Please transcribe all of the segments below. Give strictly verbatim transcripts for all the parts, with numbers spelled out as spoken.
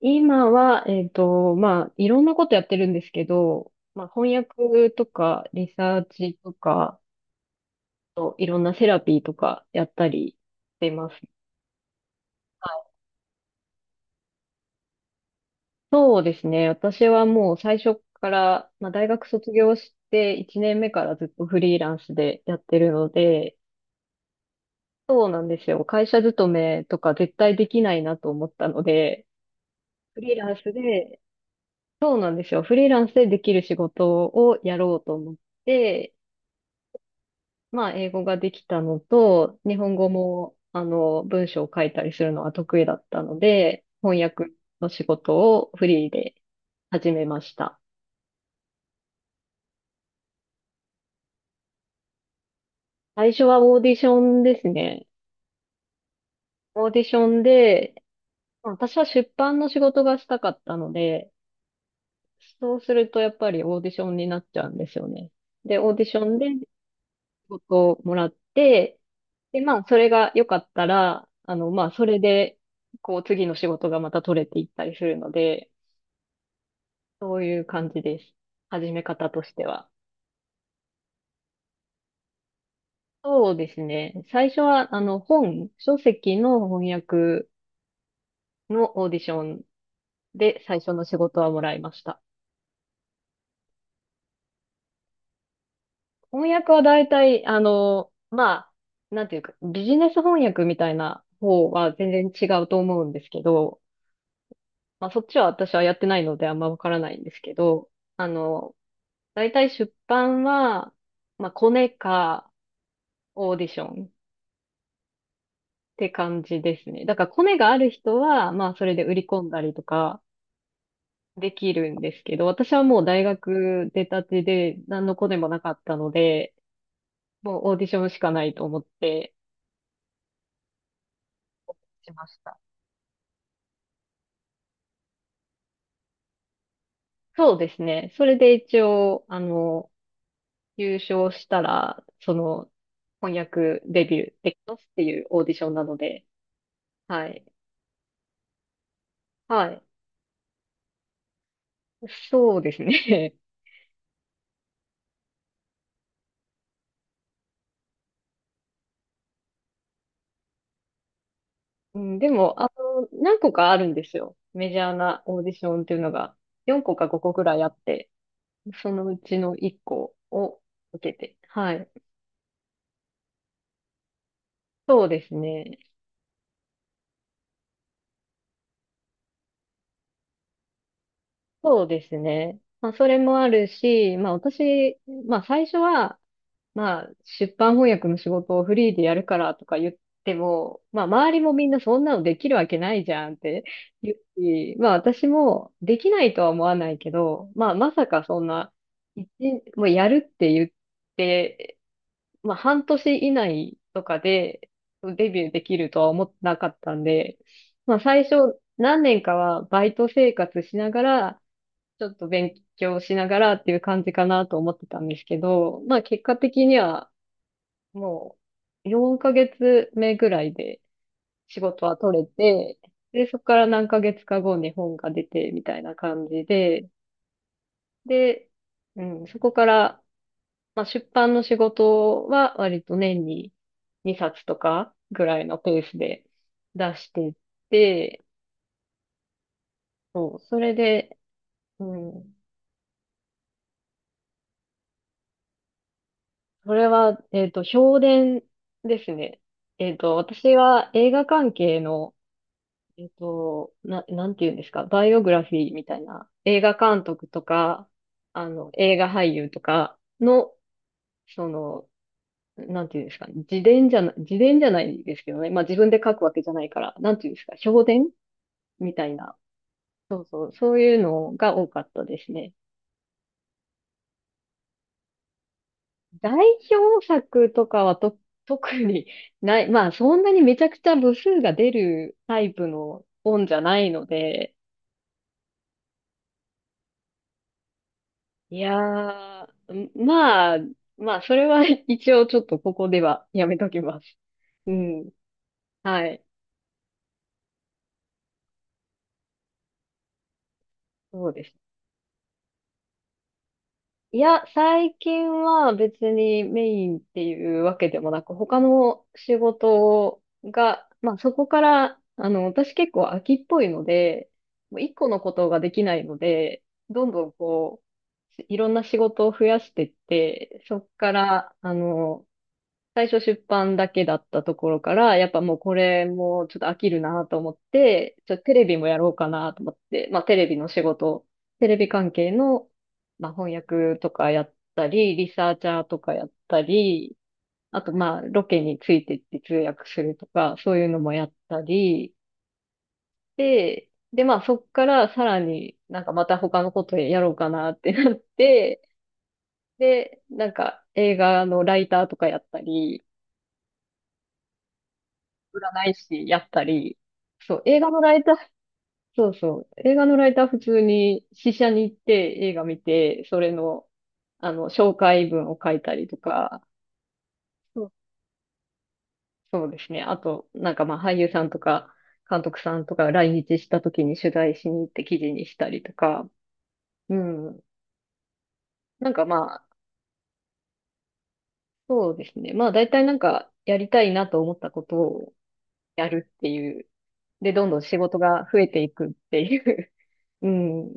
今は、えっと、まあ、いろんなことやってるんですけど、まあ、翻訳とか、リサーチとか、といろんなセラピーとかやったりしてます。そうですね。私はもう最初から、まあ、大学卒業していちねんめからずっとフリーランスでやってるので、そうなんですよ。会社勤めとか絶対できないなと思ったので、フリーランスで、そうなんですよ。フリーランスでできる仕事をやろうと思って、まあ、英語ができたのと、日本語も、あの、文章を書いたりするのは得意だったので、翻訳の仕事をフリーで始めました。最初はオーディションですね。オーディションで、まあ私は出版の仕事がしたかったので、そうするとやっぱりオーディションになっちゃうんですよね。で、オーディションで仕事をもらって、で、まあ、それが良かったら、あの、まあ、それで、こう、次の仕事がまた取れていったりするので、そういう感じです。始め方としては。そうですね。最初は、あの、本、書籍の翻訳のオーディションで最初の仕事はもらいました。翻訳は大体、あの、まあ、なんていうか、ビジネス翻訳みたいな方は全然違うと思うんですけど、まあ、そっちは私はやってないのであんまわからないんですけど、あの、大体出版は、まあ、コネかオーディションって感じですね。だからコネがある人は、まあそれで売り込んだりとかできるんですけど、私はもう大学出たてで何のコネもなかったので、もうオーディションしかないと思ってしました。そうですね。それで一応、あの、優勝したら、その、翻訳デビューできますっていうオーディションなので、はい。はい。そうですね。うん、でも、あの、何個かあるんですよ。メジャーなオーディションっていうのが、よんこかごこくらいあって、そのうちのいっこを受けて。はい。そうですね。そうですね。まあ、それもあるし、まあ、私、まあ、最初は、まあ、出版翻訳の仕事をフリーでやるからとか言っても、まあ、周りもみんなそんなのできるわけないじゃんって言うし、まあ、私もできないとは思わないけど、まあ、まさかそんな、一もうやるって言って、まあ、半年以内とかでデビューできるとは思ってなかったんで、まあ、最初何年かはバイト生活しながら、ちょっと勉強しながらっていう感じかなと思ってたんですけど、まあ結果的にはもうよんかげつめぐらいで仕事は取れて、で、そこから何ヶ月か後に本が出てみたいな感じで、で、うん、そこから、まあ、出版の仕事は割と年ににさつとかぐらいのペースで出していって、そう、それで、うん、それは、えっと、評伝ですね。えっと、私は映画関係のえっと、な、なんていうんですか、バイオグラフィーみたいな、映画監督とか、あの、映画俳優とかの、その、なんていうんですか、自伝じゃな、自伝じゃないですけどね、まあ自分で書くわけじゃないから、なんていうんですか、評伝みたいな、そうそう、そういうのが多かったですね。代表作とかはと、特にない、まあそんなにめちゃくちゃ部数が出るタイプの本じゃないので、いやー、んまあ、まあ、それは 一応ちょっとここではやめときます。うん。はい。そうです。いや、最近は別にメインっていうわけでもなく、他の仕事が、まあそこから、あの、私結構飽きっぽいので、もう一個のことができないので、どんどんこう、いろんな仕事を増やしてって、そこから、あの、最初出版だけだったところから、やっぱもうこれもちょっと飽きるなと思って、ちょっとテレビもやろうかなと思って、まあテレビの仕事、テレビ関係の、まあ翻訳とかやったり、リサーチャーとかやったり、あとまあロケについてって通訳するとか、そういうのもやったり、で、でまあそっからさらになんかまた他のことやろうかなってなって、で、なんか映画のライターとかやったり、占い師やったり、そう、映画のライター、そうそう、映画のライター普通に試写に行って映画見て、それの、あの、紹介文を書いたりとか、そうそうですね。あと、なんかまあ俳優さんとか、監督さんとか来日した時に取材しに行って記事にしたりとか、うん。なんかまあ、そうですね。まあ大体なんかやりたいなと思ったことをやるっていう。で、どんどん仕事が増えていくっていう。うん。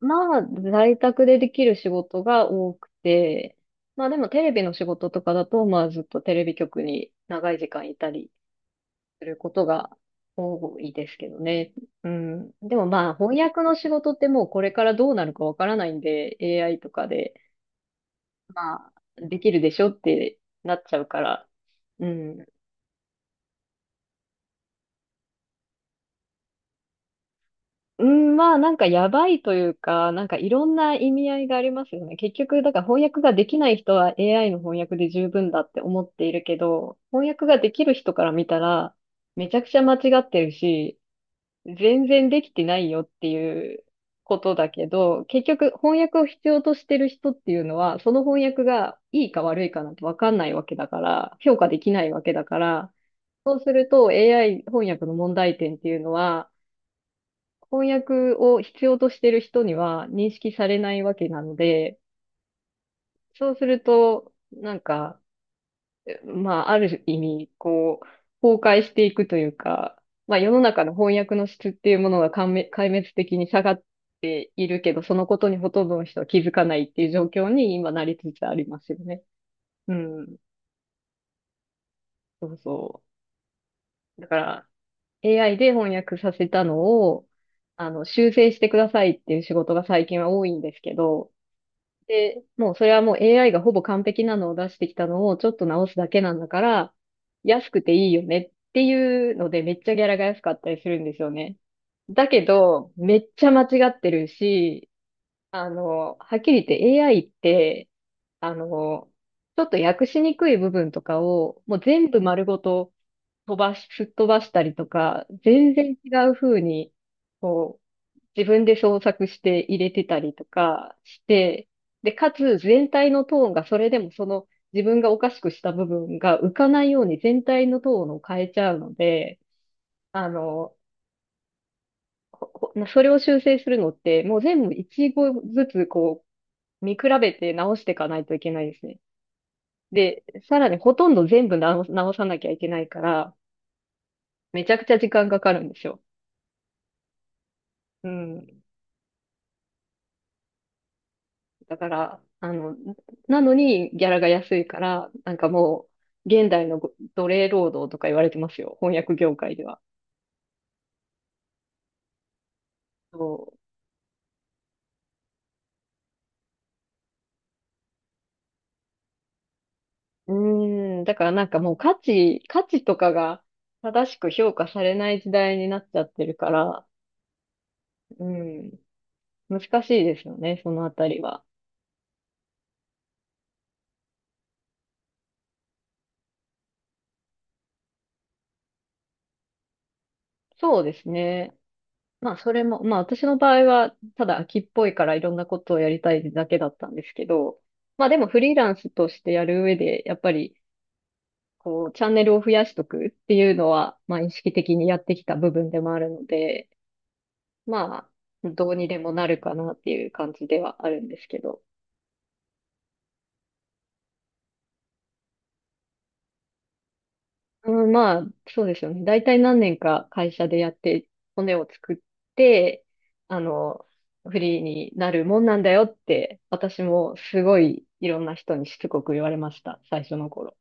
まあ、在宅でできる仕事が多くて、まあでもテレビの仕事とかだと、まあずっとテレビ局に長い時間いたりすることが多いですけどね。うん。でもまあ翻訳の仕事ってもうこれからどうなるかわからないんで、エーアイ とかで、まあできるでしょってなっちゃうから、うん。うん、まあなんかやばいというか、なんかいろんな意味合いがありますよね。結局、だから翻訳ができない人は エーアイ の翻訳で十分だって思っているけど、翻訳ができる人から見たら、めちゃくちゃ間違ってるし、全然できてないよっていうことだけど、結局翻訳を必要としてる人っていうのは、その翻訳がいいか悪いかなんてわかんないわけだから、評価できないわけだから、そうすると エーアイ 翻訳の問題点っていうのは、翻訳を必要としてる人には認識されないわけなので、そうすると、なんか、まあ、ある意味、こう、崩壊していくというか、まあ、世の中の翻訳の質っていうものが壊滅壊滅的に下がっているけど、そのことにほとんどの人は気づかないっていう状況に今なりつつありますよね。うん。そうそう。だから、エーアイ で翻訳させたのを、あの、修正してくださいっていう仕事が最近は多いんですけど、で、もうそれはもう エーアイ がほぼ完璧なのを出してきたのをちょっと直すだけなんだから、安くていいよねっていうのでめっちゃギャラが安かったりするんですよね。だけど、めっちゃ間違ってるし、あの、はっきり言って エーアイ って、あの、ちょっと訳しにくい部分とかをもう全部丸ごと飛ばし、すっ飛ばしたりとか、全然違う風に、こ自分で創作して入れてたりとかして、で、かつ全体のトーンがそれでもその自分がおかしくした部分が浮かないように全体のトーンを変えちゃうので、あの、ほほそれを修正するのってもう全部一語ずつこう見比べて直していかないといけないですね。で、さらにほとんど全部直、直さなきゃいけないから、めちゃくちゃ時間かかるんですよ。うん。だから、あの、なのにギャラが安いから、なんかもう、現代のご奴隷労働とか言われてますよ。翻訳業界では。そう。うーん。だからなんかもう価値、価値とかが正しく評価されない時代になっちゃってるから、うん。難しいですよね、そのあたりは。そうですね。まあそれも、まあ私の場合は、ただ秋っぽいからいろんなことをやりたいだけだったんですけど、まあでもフリーランスとしてやる上で、やっぱり、こう、チャンネルを増やしとくっていうのは、まあ、意識的にやってきた部分でもあるので、まあ、どうにでもなるかなっていう感じではあるんですけど。うん、まあ、そうですよね。大体何年か会社でやって、骨を作って、あの、フリーになるもんなんだよって、私もすごいいろんな人にしつこく言われました、最初の頃。